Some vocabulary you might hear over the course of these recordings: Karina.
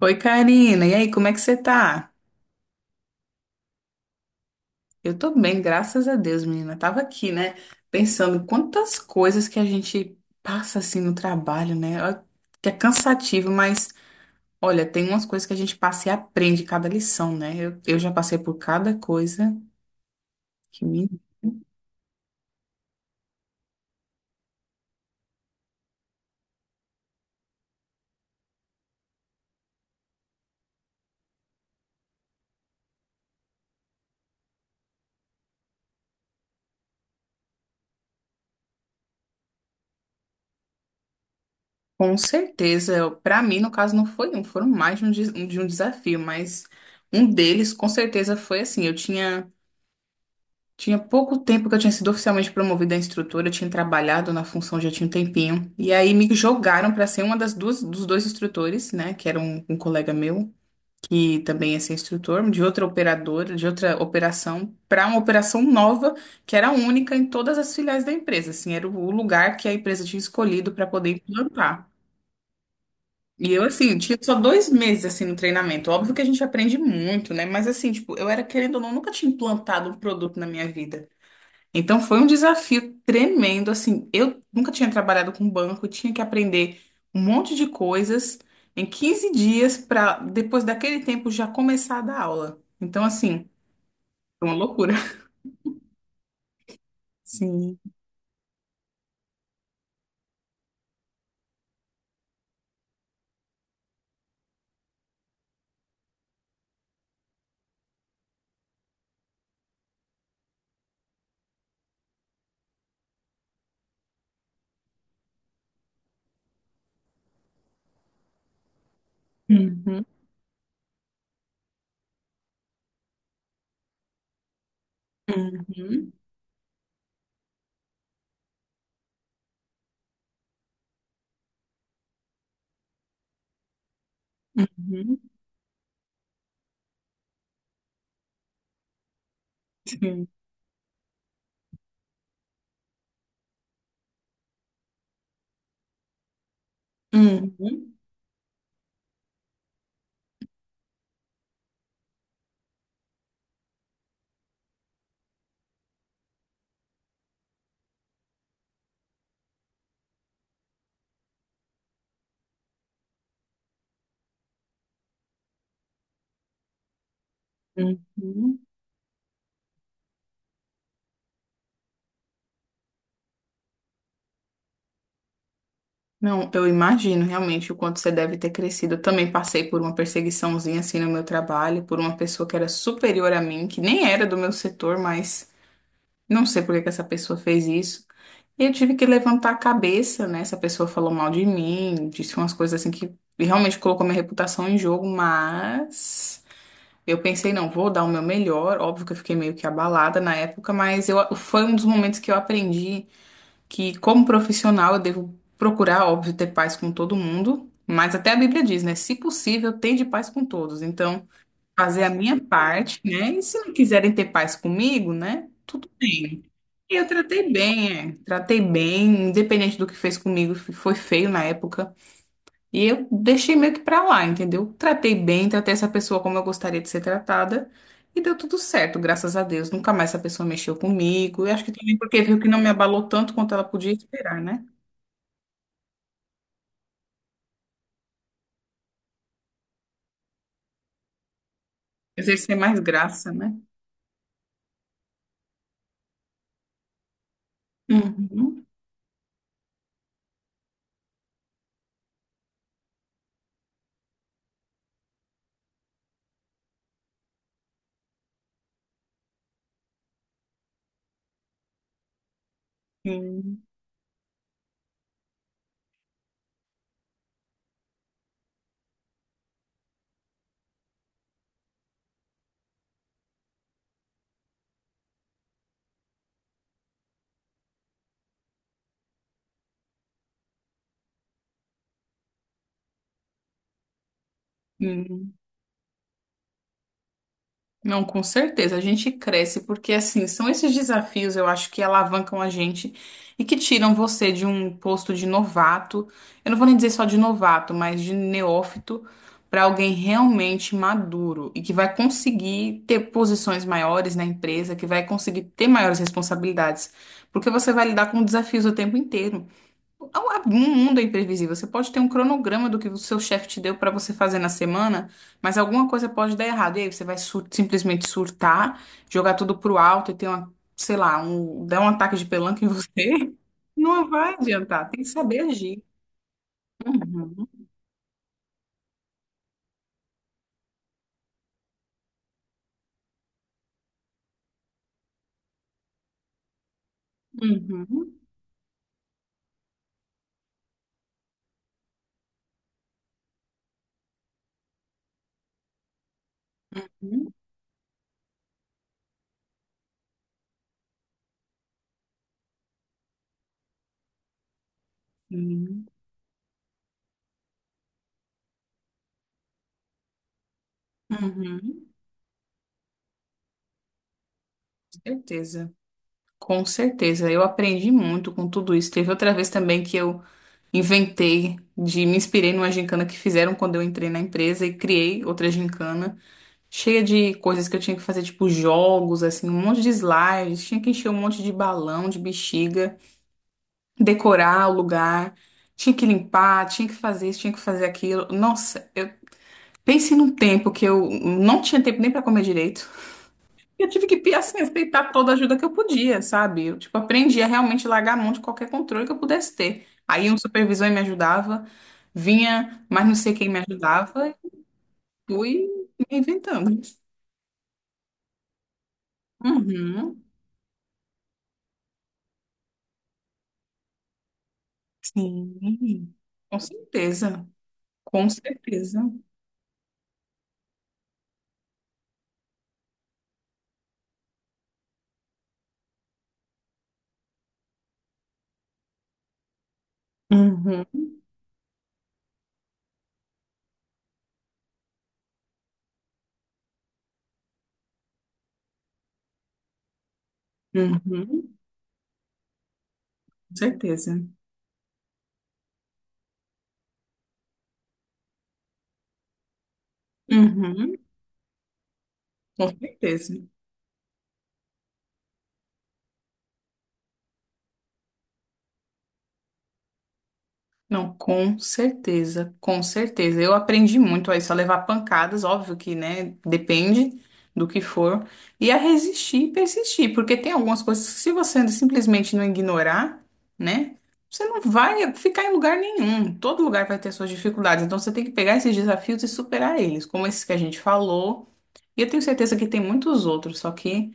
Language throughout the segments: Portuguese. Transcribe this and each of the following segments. Oi, Karina. E aí, como é que você tá? Eu tô bem, graças a Deus, menina. Tava aqui, né, pensando quantas coisas que a gente passa assim no trabalho, né? Ó, que é cansativo, mas olha, tem umas coisas que a gente passa e aprende cada lição, né? Eu já passei por cada coisa que me. Com certeza, eu- pra mim, no caso, não foi um, foram mais de um, des- de um desafio, mas um deles, com certeza, foi assim. Eu tinha. Tinha pouco tempo que eu tinha sido oficialmente promovida a instrutora, eu tinha trabalhado na função já tinha um tempinho. E aí me jogaram para ser uma das duas dos dois instrutores, né, que era um colega meu, que também ia ser instrutor de outra operadora, de outra operação, para uma operação nova, que era única em todas as filiais da empresa, assim, era o lugar que a empresa tinha escolhido para poder implantar. E eu, assim, tinha só dois meses, assim, no treinamento. Óbvio que a gente aprende muito, né? Mas, assim, tipo, eu era, querendo ou não, nunca tinha implantado um produto na minha vida. Então foi um desafio tremendo, assim, eu nunca tinha trabalhado com banco, tinha que aprender um monte de coisas em 15 dias para depois daquele tempo já começar a dar aula. Então assim, foi uma loucura. Sim. Uhum, uhum, uhum, sim. Uhum, uhum. Não, eu imagino realmente o quanto você deve ter crescido. Eu também passei por uma perseguiçãozinha assim no meu trabalho, por uma pessoa que era superior a mim, que nem era do meu setor, mas não sei por que que essa pessoa fez isso. E eu tive que levantar a cabeça, né? Essa pessoa falou mal de mim, disse umas coisas assim que realmente colocou minha reputação em jogo, mas eu pensei, não, vou dar o meu melhor. Óbvio que eu fiquei meio que abalada na época, mas eu, foi um dos momentos que eu aprendi que, como profissional, eu devo procurar, óbvio, ter paz com todo mundo. Mas até a Bíblia diz, né? Se possível, tende paz com todos. Então, fazer a minha parte, né? E se não quiserem ter paz comigo, né? Tudo bem. E eu tratei bem, é. Tratei bem, independente do que fez comigo, f- foi feio na época. E eu deixei meio que pra lá, entendeu? Tratei bem, tratei essa pessoa como eu gostaria de ser tratada. E deu tudo certo, graças a Deus. Nunca mais essa pessoa mexeu comigo. E acho que também porque viu que não me abalou tanto quanto ela podia esperar, né? Exercer mais graça, né? Uhum. Sim. Sim. Não, com certeza. A gente cresce porque, assim, são esses desafios, eu acho, que alavancam a gente e que tiram você de um posto de novato. Eu não vou nem dizer só de novato, mas de neófito para alguém realmente maduro e que vai conseguir ter posições maiores na empresa, que vai conseguir ter maiores responsabilidades, porque você vai lidar com desafios o tempo inteiro. O mundo é imprevisível. Você pode ter um cronograma do que o seu chefe te deu para você fazer na semana, mas alguma coisa pode dar errado. E aí você vai sur- simplesmente surtar, jogar tudo pro alto e ter uma, sei lá, um, dar um ataque de pelanca em você. Não vai adiantar. Tem que saber agir. Uhum, uhum, uhum, uhum, uhum. Certeza. Com certeza. Eu aprendi muito com tudo isso. Teve outra vez também que eu inventei de me inspirei numa gincana que fizeram quando eu entrei na empresa e criei outra gincana cheia de coisas que eu tinha que fazer, tipo jogos, assim, um monte de slides, tinha que encher um monte de balão, de bexiga, decorar o lugar, tinha que limpar, tinha que fazer isso, tinha que fazer aquilo. Nossa, eu pensei num tempo que eu não tinha tempo nem pra comer direito. Eu tive que, assim, aceitar toda a ajuda que eu podia, sabe? Eu, tipo, aprendi a realmente largar a mão de qualquer controle que eu pudesse ter. Aí um supervisor me ajudava, vinha, mas não sei quem me ajudava, e fui me reinventando. Uhum. Sim, com certeza. Com certeza. Uhum. Uhum. Com certeza. Uhum. Com certeza. Não, com certeza, com certeza. Eu aprendi muito a isso, a levar pancadas, óbvio que, né, depende do que for, e a resistir e persistir, porque tem algumas coisas que se você simplesmente não ignorar, né, você não vai ficar em lugar nenhum. Todo lugar vai ter suas dificuldades, então você tem que pegar esses desafios e superar eles, como esses que a gente falou. E eu tenho certeza que tem muitos outros, só que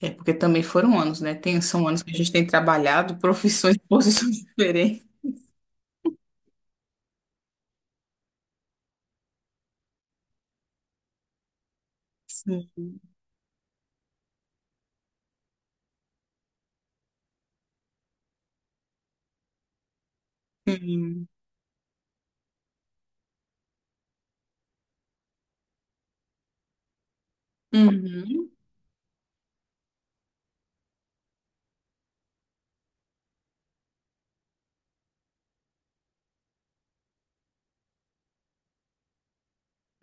é porque também foram anos, né? Tem, são anos que a gente tem trabalhado profissões e posições diferentes. Sim. Uhum,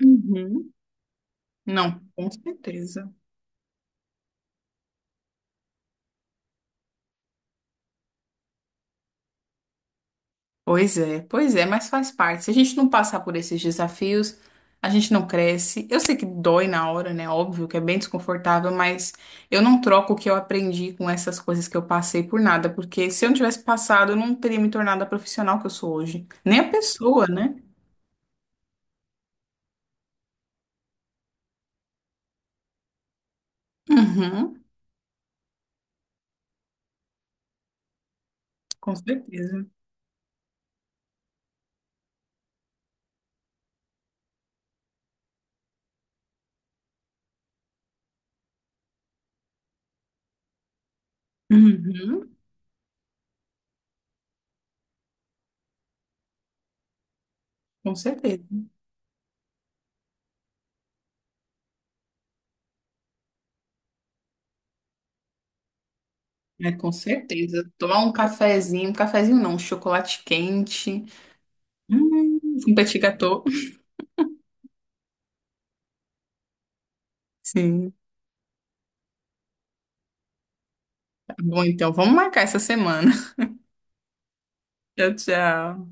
uhum. Não, com certeza. Pois é, mas faz parte. Se a gente não passar por esses desafios, a gente não cresce. Eu sei que dói na hora, né? Óbvio que é bem desconfortável, mas eu não troco o que eu aprendi com essas coisas que eu passei por nada, porque se eu não tivesse passado, eu não teria me tornado a profissional que eu sou hoje. Nem a pessoa, né? Uhum, com certeza. Uhum, com certeza. É, com certeza. Tomar um cafezinho não, um chocolate quente. Hum, um petit gâteau. Sim. Tá bom, então, vamos marcar essa semana. Tchau, tchau.